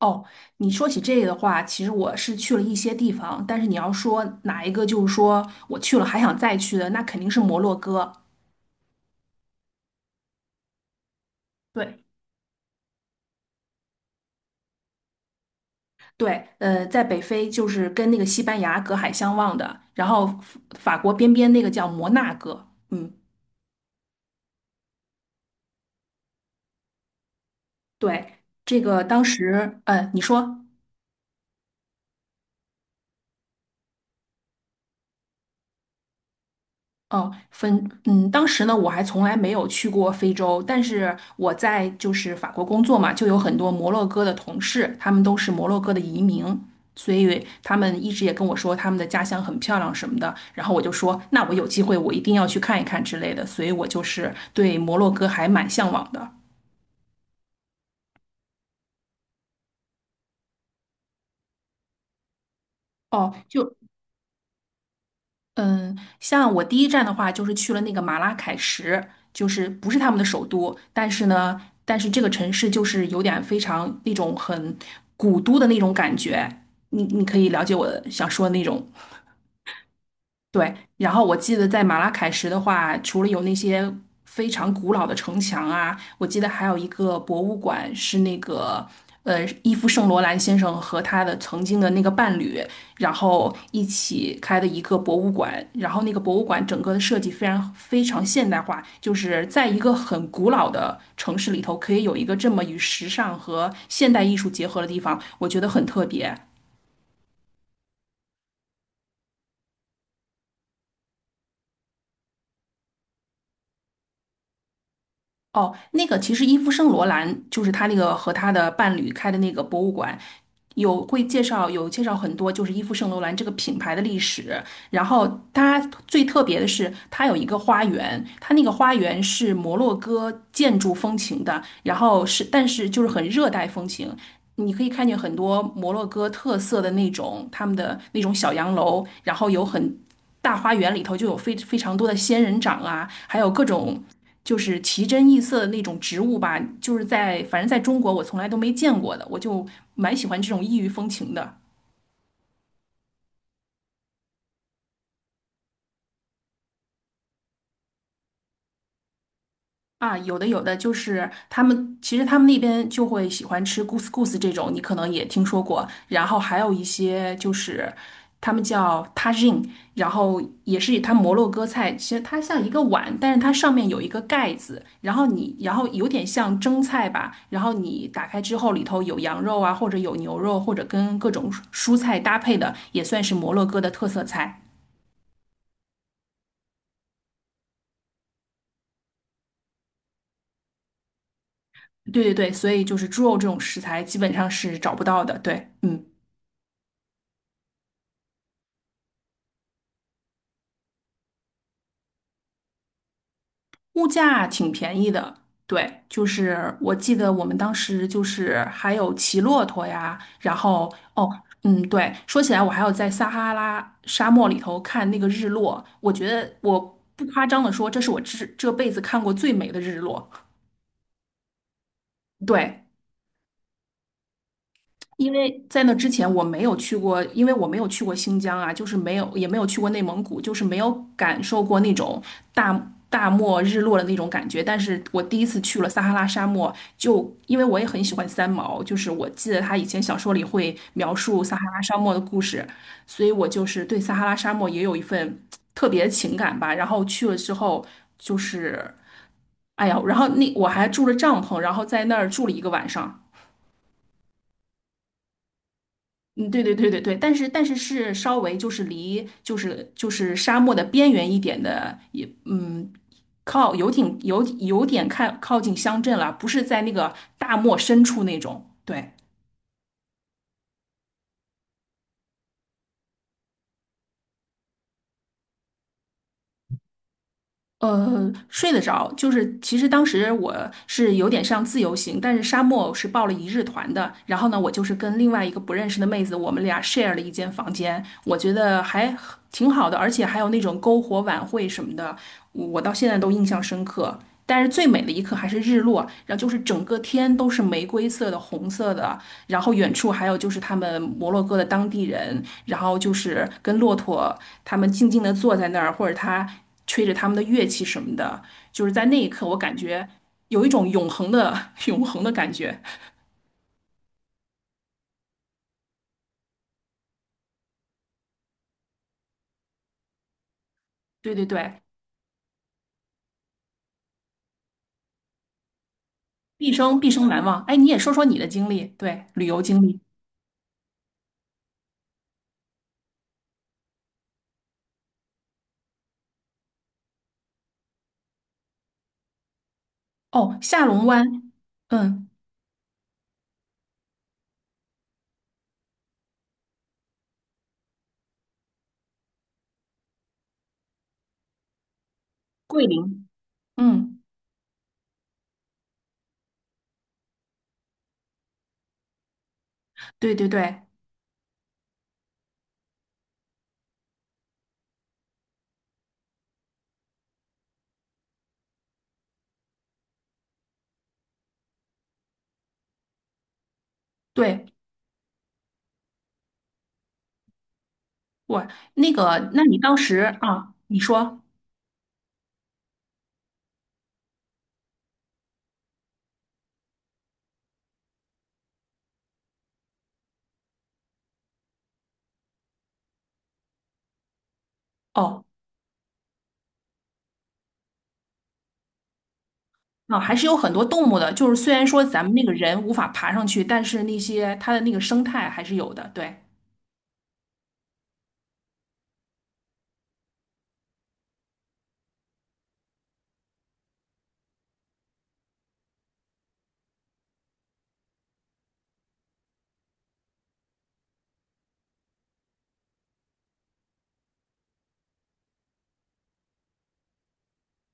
哦，你说起这个的话，其实我是去了一些地方，但是你要说哪一个，就是说我去了还想再去的，那肯定是摩洛哥。对，对，在北非就是跟那个西班牙隔海相望的，然后法国边那个叫摩纳哥。嗯，对，这个当时，你说。哦，当时呢，我还从来没有去过非洲，但是我在就是法国工作嘛，就有很多摩洛哥的同事，他们都是摩洛哥的移民，所以他们一直也跟我说他们的家乡很漂亮什么的，然后我就说，那我有机会我一定要去看一看之类的，所以我就是对摩洛哥还蛮向往的。哦，像我第一站的话，就是去了那个马拉喀什，就是不是他们的首都，但是这个城市就是有点非常那种很古都的那种感觉。你可以了解我想说的那种。对，然后我记得在马拉喀什的话，除了有那些非常古老的城墙啊，我记得还有一个博物馆是那个伊夫圣罗兰先生和他的曾经的那个伴侣，然后一起开的一个博物馆。然后那个博物馆整个的设计非常非常现代化，就是在一个很古老的城市里头，可以有一个这么与时尚和现代艺术结合的地方，我觉得很特别。哦，那个其实伊夫圣罗兰就是他那个和他的伴侣开的那个博物馆，有介绍很多就是伊夫圣罗兰这个品牌的历史。然后它最特别的是，它有一个花园，它那个花园是摩洛哥建筑风情的，但是就是很热带风情。你可以看见很多摩洛哥特色的那种他们的那种小洋楼，然后有很大花园里头就有非常多的仙人掌啊，还有各种。就是奇珍异色的那种植物吧，就是在反正在中国我从来都没见过的，我就蛮喜欢这种异域风情的。啊，有的有的，就是其实他们那边就会喜欢吃 couscous 这种，你可能也听说过。然后还有一些就是他们叫 tagine，然后也是它摩洛哥菜，其实它像一个碗，但是它上面有一个盖子，然后你然后有点像蒸菜吧，然后你打开之后里头有羊肉啊，或者有牛肉，或者跟各种蔬菜搭配的，也算是摩洛哥的特色菜。对对对，所以就是猪肉这种食材基本上是找不到的。对，嗯。物价挺便宜的，对，就是我记得我们当时就是还有骑骆驼呀，然后哦，嗯，对，说起来我还有在撒哈拉沙漠里头看那个日落，我觉得我不夸张的说，这是我这辈子看过最美的日落。对，因为在那之前我没有去过，因为我没有去过新疆啊，就是没有，也没有去过内蒙古，就是没有感受过那种大漠日落的那种感觉。但是我第一次去了撒哈拉沙漠，就因为我也很喜欢三毛，就是我记得他以前小说里会描述撒哈拉沙漠的故事，所以我就是对撒哈拉沙漠也有一份特别的情感吧。然后去了之后，就是，哎呀，然后那我还住了帐篷，然后在那儿住了一个晚上。嗯，对对对对对，但是是稍微就是离沙漠的边缘一点的，也靠游艇有点靠近乡镇了，不是在那个大漠深处那种。对，睡得着，就是其实当时我是有点像自由行，但是沙漠是报了一日团的。然后呢，我就是跟另外一个不认识的妹子，我们俩 share 了一间房间，我觉得还挺好的，而且还有那种篝火晚会什么的，我到现在都印象深刻。但是最美的一刻还是日落，然后就是整个天都是玫瑰色的、红色的，然后远处还有就是他们摩洛哥的当地人，然后就是跟骆驼他们静静地坐在那儿，或者他。吹着他们的乐器什么的，就是在那一刻，我感觉有一种永恒的 永恒的感觉。对对对，毕生毕生难忘。哎，你也说说你的经历，对，旅游经历。哦，下龙湾，嗯，桂林，嗯，对对对对，我那个，那你当时啊，你说，哦。啊，还是有很多动物的，就是虽然说咱们那个人无法爬上去，但是那些它的那个生态还是有的。对，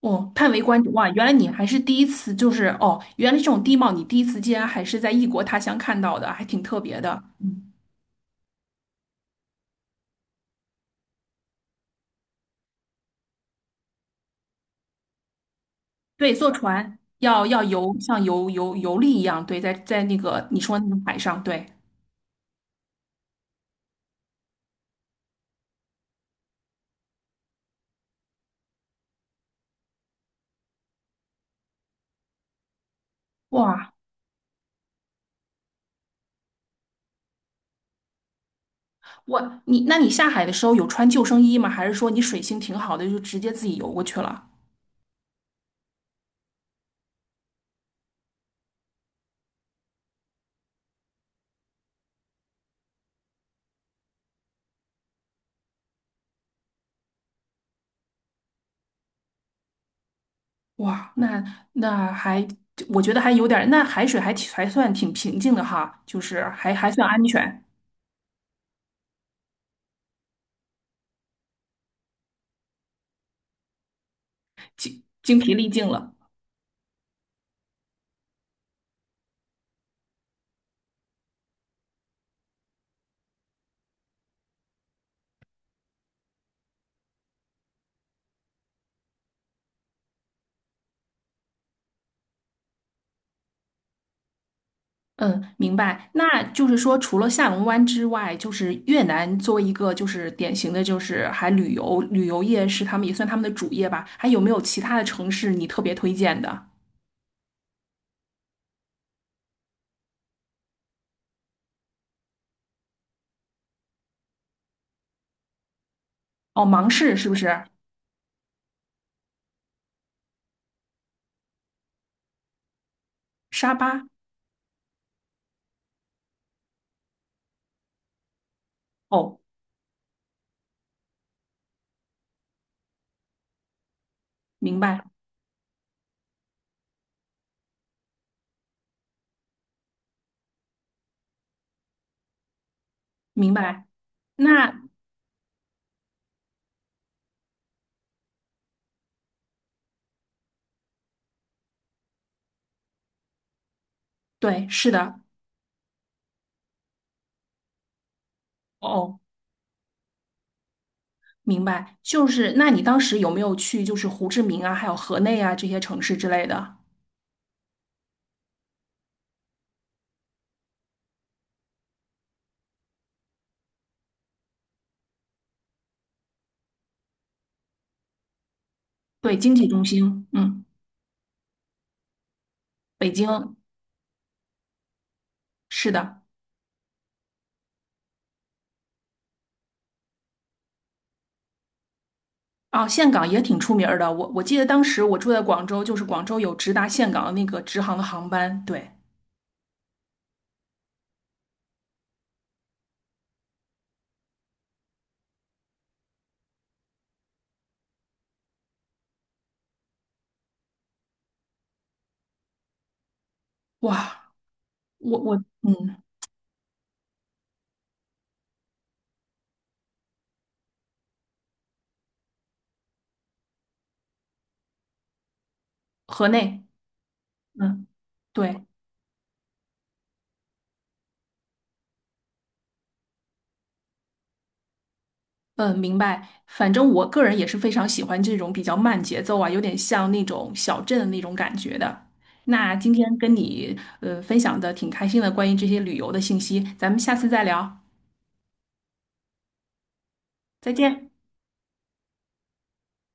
哦，叹为观止哇！原来你还是第一次，就是哦，原来这种地貌你第一次竟然还是在异国他乡看到的，还挺特别的。嗯，对，坐船要游，像游历一样，对，在那个你说那个海上，对，哇，我你那你下海的时候有穿救生衣吗？还是说你水性挺好的，就直接自己游过去了？哇，那那还我觉得还有点儿，那海水还算挺平静的哈，就是还算安全，精疲力尽了。嗯，明白。那就是说，除了下龙湾之外，就是越南作为一个就是典型的，就是还旅游业是他们也算他们的主业吧。还有没有其他的城市你特别推荐的？哦，芒市是不是？沙巴？哦，明白明白。那对，是的。哦，明白。就是那你当时有没有去就是胡志明啊，还有河内啊这些城市之类的？对，经济中心。嗯，北京。是的。啊，岘港也挺出名儿的。我记得当时我住在广州，就是广州有直达岘港的那个直航的航班。对，哇，我我嗯，河内，嗯，对，嗯，明白。反正我个人也是非常喜欢这种比较慢节奏啊，有点像那种小镇的那种感觉的。那今天跟你分享的挺开心的，关于这些旅游的信息，咱们下次再聊，再见。